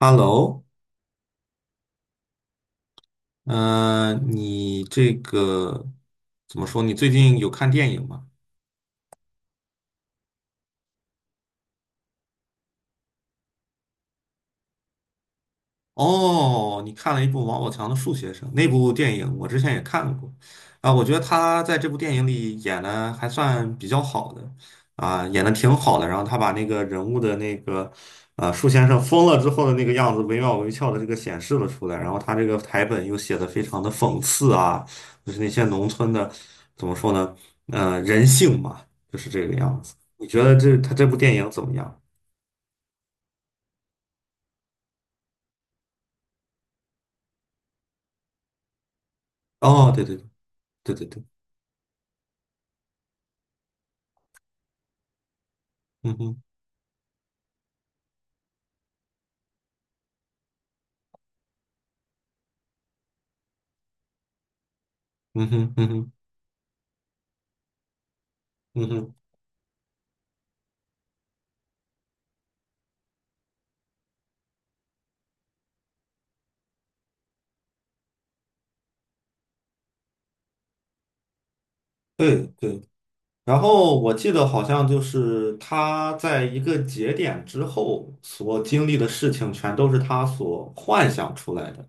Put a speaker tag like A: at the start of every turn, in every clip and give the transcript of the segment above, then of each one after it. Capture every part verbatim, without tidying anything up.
A: Hello，呃，你这个怎么说？你最近有看电影吗？哦，你看了一部王宝强的《树先生》那部电影，我之前也看过，啊，我觉得他在这部电影里演的还算比较好的，啊，演的挺好的。然后他把那个人物的那个，呃，树先生疯了之后的那个样子，惟妙惟肖的这个显示了出来。然后他这个台本又写的非常的讽刺啊，就是那些农村的，怎么说呢，呃，人性嘛，就是这个样子。你觉得这他这部电影怎么样？哦，对对对对对对，嗯哼，嗯哼，嗯哼，嗯哼。对对，然后我记得好像就是他在一个节点之后所经历的事情，全都是他所幻想出来的，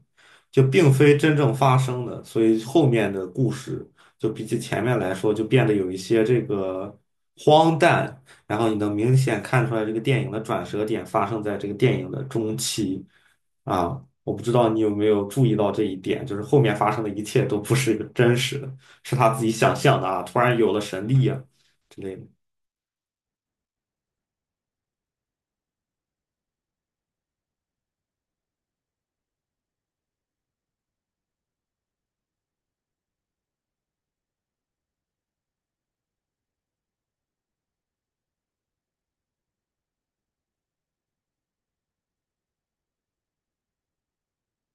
A: 就并非真正发生的。所以后面的故事就比起前面来说，就变得有一些这个荒诞。然后你能明显看出来，这个电影的转折点发生在这个电影的中期啊。我不知道你有没有注意到这一点，就是后面发生的一切都不是一个真实的，是他自己想象的啊，突然有了神力啊。之类的。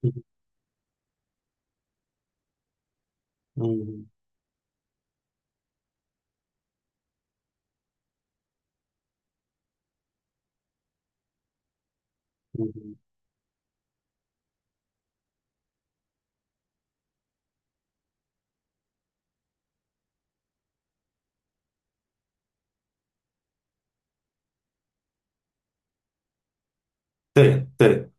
A: 嗯嗯嗯，对对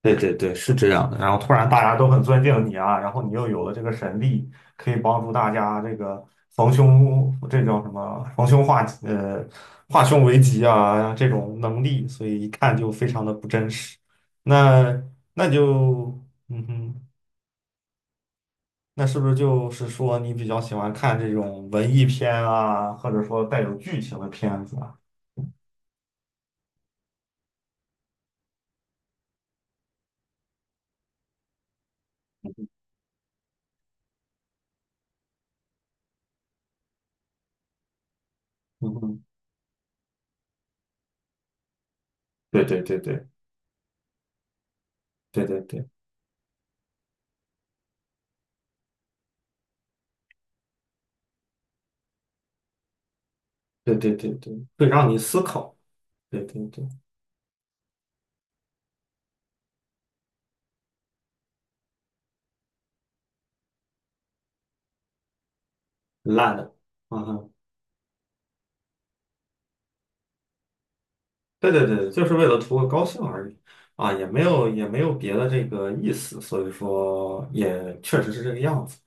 A: 对对对，是这样的。然后突然大家都很尊敬你啊，然后你又有了这个神力，可以帮助大家这个逢凶这叫什么逢凶化吉呃化凶为吉啊这种能力，所以一看就非常的不真实。那那就嗯哼，那是不是就是说你比较喜欢看这种文艺片啊，或者说带有剧情的片子啊？嗯哼，对对对对对对对。对对对对，会让你思考，对对对，烂的，啊哈，对对对，就是为了图个高兴而已，啊，也没有也没有别的这个意思，所以说也确实是这个样子，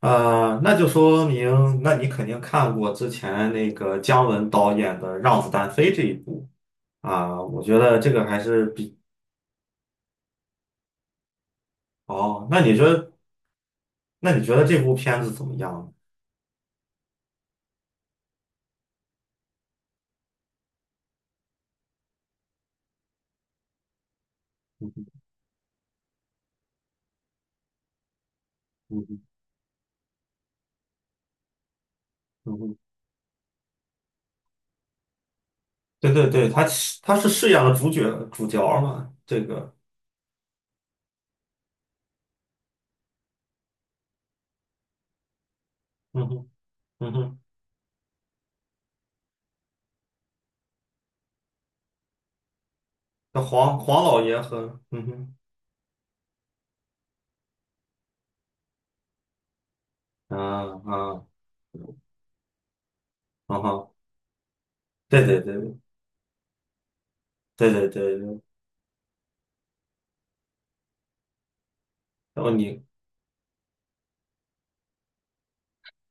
A: 呃，那就说明，那你肯定看过之前那个姜文导演的《让子弹飞》这一部啊，我觉得这个还是比，哦，那你觉得那你觉得这部片子怎么样呢？嗯哼嗯哼嗯哼对对对，他他是饰演了主角主角嘛，这个。嗯哼，嗯哼，那黄黄老爷和嗯哼，啊啊，嗯哼，对对对对对对对，然后你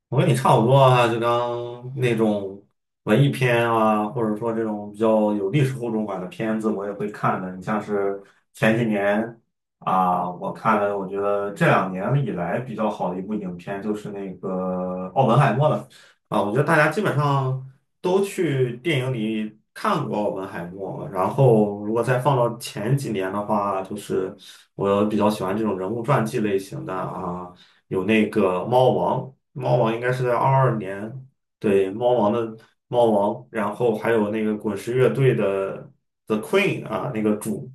A: 我跟你差不多啊，就刚那种文艺片啊，或者说这种比较有历史厚重感的片子，我也会看的。你像是前几年啊，我看了，我觉得这两年以来比较好的一部影片就是那个《奥本海默》了啊，我觉得大家基本上都去电影里看过《奥本海默》，然后如果再放到前几年的话，就是我比较喜欢这种人物传记类型的啊。有那个猫王猫王应该是在二二年，对，猫王的猫王，然后还有那个滚石乐队的 The Queen 啊，那个主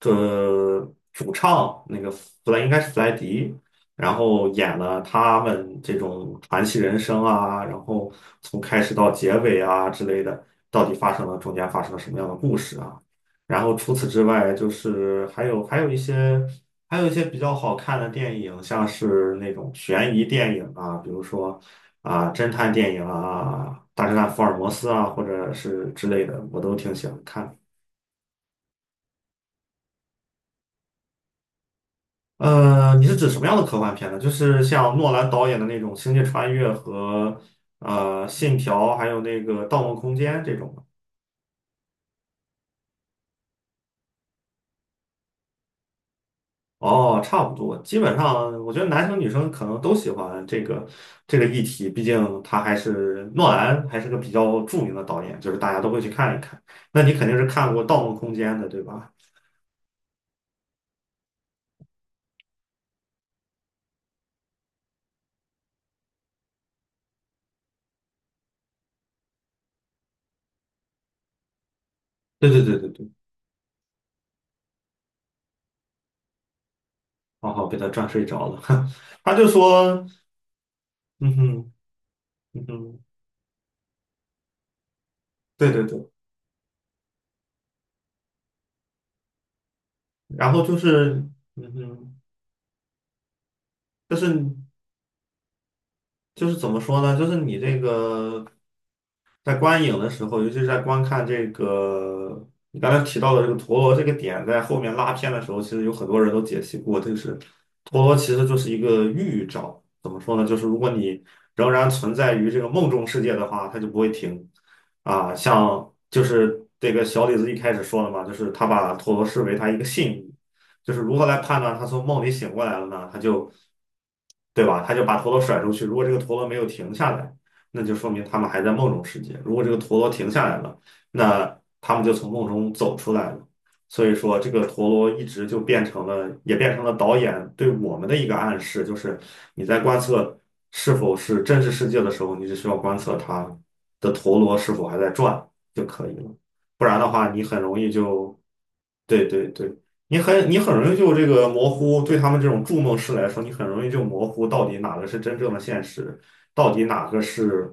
A: 这主唱那个弗莱应该是弗莱迪，然后演了他们这种传奇人生啊，然后从开始到结尾啊之类的，到底发生了中间发生了什么样的故事啊？然后除此之外，就是还有还有一些还有一些比较好看的电影，像是那种悬疑电影啊，比如说啊侦探电影啊，《大侦探福尔摩斯》啊，或者是之类的，我都挺喜欢看。呃，你是指什么样的科幻片呢？就是像诺兰导演的那种《星际穿越》和呃《信条》，还有那个《盗梦空间》这种。哦，差不多，基本上我觉得男生女生可能都喜欢这个这个议题，毕竟他还是诺兰，还是个比较著名的导演，就是大家都会去看一看。那你肯定是看过《盗梦空间》的，对吧？对对对对对，刚好被他转睡着了。他就说，嗯哼，嗯哼，对对对，然后就是，嗯哼，就是就是怎么说呢？就是你这个。在观影的时候，尤其是在观看这个你刚才提到的这个陀螺这个点，在后面拉片的时候，其实有很多人都解析过，就是陀螺其实就是一个预兆。怎么说呢？就是如果你仍然存在于这个梦中世界的话，它就不会停。啊，像就是这个小李子一开始说的嘛，就是他把陀螺视为他一个信物，就是如何来判断他从梦里醒过来了呢？他就对吧？他就把陀螺甩出去，如果这个陀螺没有停下来。那就说明他们还在梦中世界。如果这个陀螺停下来了，那他们就从梦中走出来了。所以说，这个陀螺一直就变成了，也变成了导演对我们的一个暗示，就是你在观测是否是真实世界的时候，你只需要观测它的陀螺是否还在转就可以了。不然的话，你很容易就，对对对，你很你很容易就这个模糊。对他们这种筑梦师来说，你很容易就模糊到底哪个是真正的现实。到底哪个是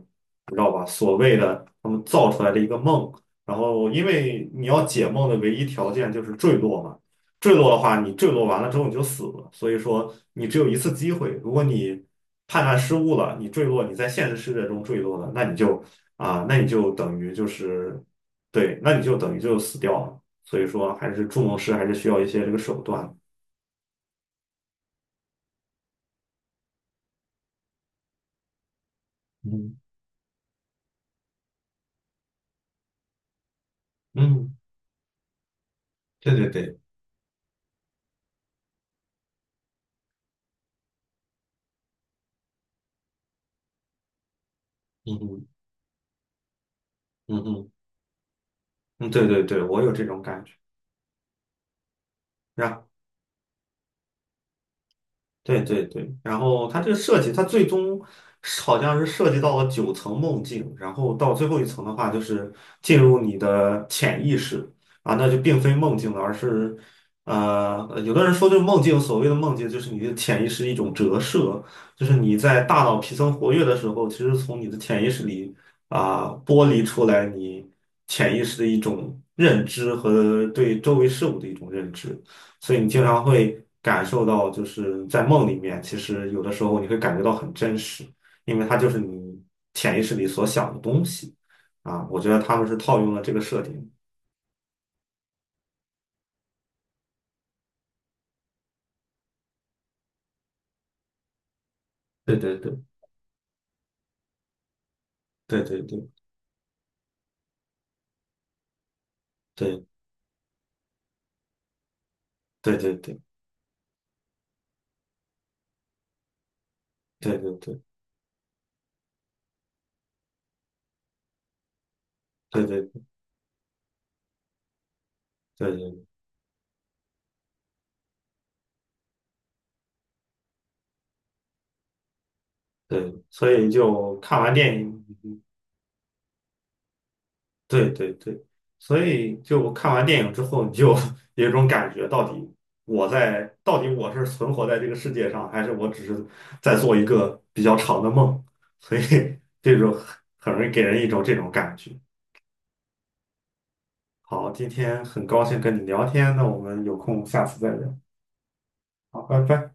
A: 你知道吧？所谓的他们造出来的一个梦，然后因为你要解梦的唯一条件就是坠落嘛，坠落的话，你坠落完了之后你就死了，所以说你只有一次机会，如果你判断失误了，你坠落，你在现实世界中坠落了，那你就啊，那你就等于就是对，那你就等于就死掉了，所以说还是筑梦师还是需要一些这个手段，嗯嗯，对对对，嗯嗯嗯嗯嗯，对对对，我有这种感觉。是吧？对对对，然后它这个设计，它最终是好像是涉及到了九层梦境，然后到最后一层的话，就是进入你的潜意识啊，那就并非梦境了，而是呃，有的人说这个梦境，所谓的梦境就是你的潜意识一种折射，就是你在大脑皮层活跃的时候，其实从你的潜意识里啊、剥离出来你潜意识的一种认知和对周围事物的一种认知。所以你经常会感受到，就是在梦里面，其实有的时候你会感觉到很真实，因为它就是你潜意识里所想的东西啊。我觉得他们是套用了这个设定。对对对，对对对对对对对对对对对对对对，所以就看完电影。对对对，所以就我看完电影之后，你就 有一种感觉，到底我在，到底我是存活在这个世界上，还是我只是在做一个比较长的梦？所以 这种很很容易给人一种这种感觉。好，今天很高兴跟你聊天，那我们有空下次再聊。好，拜拜。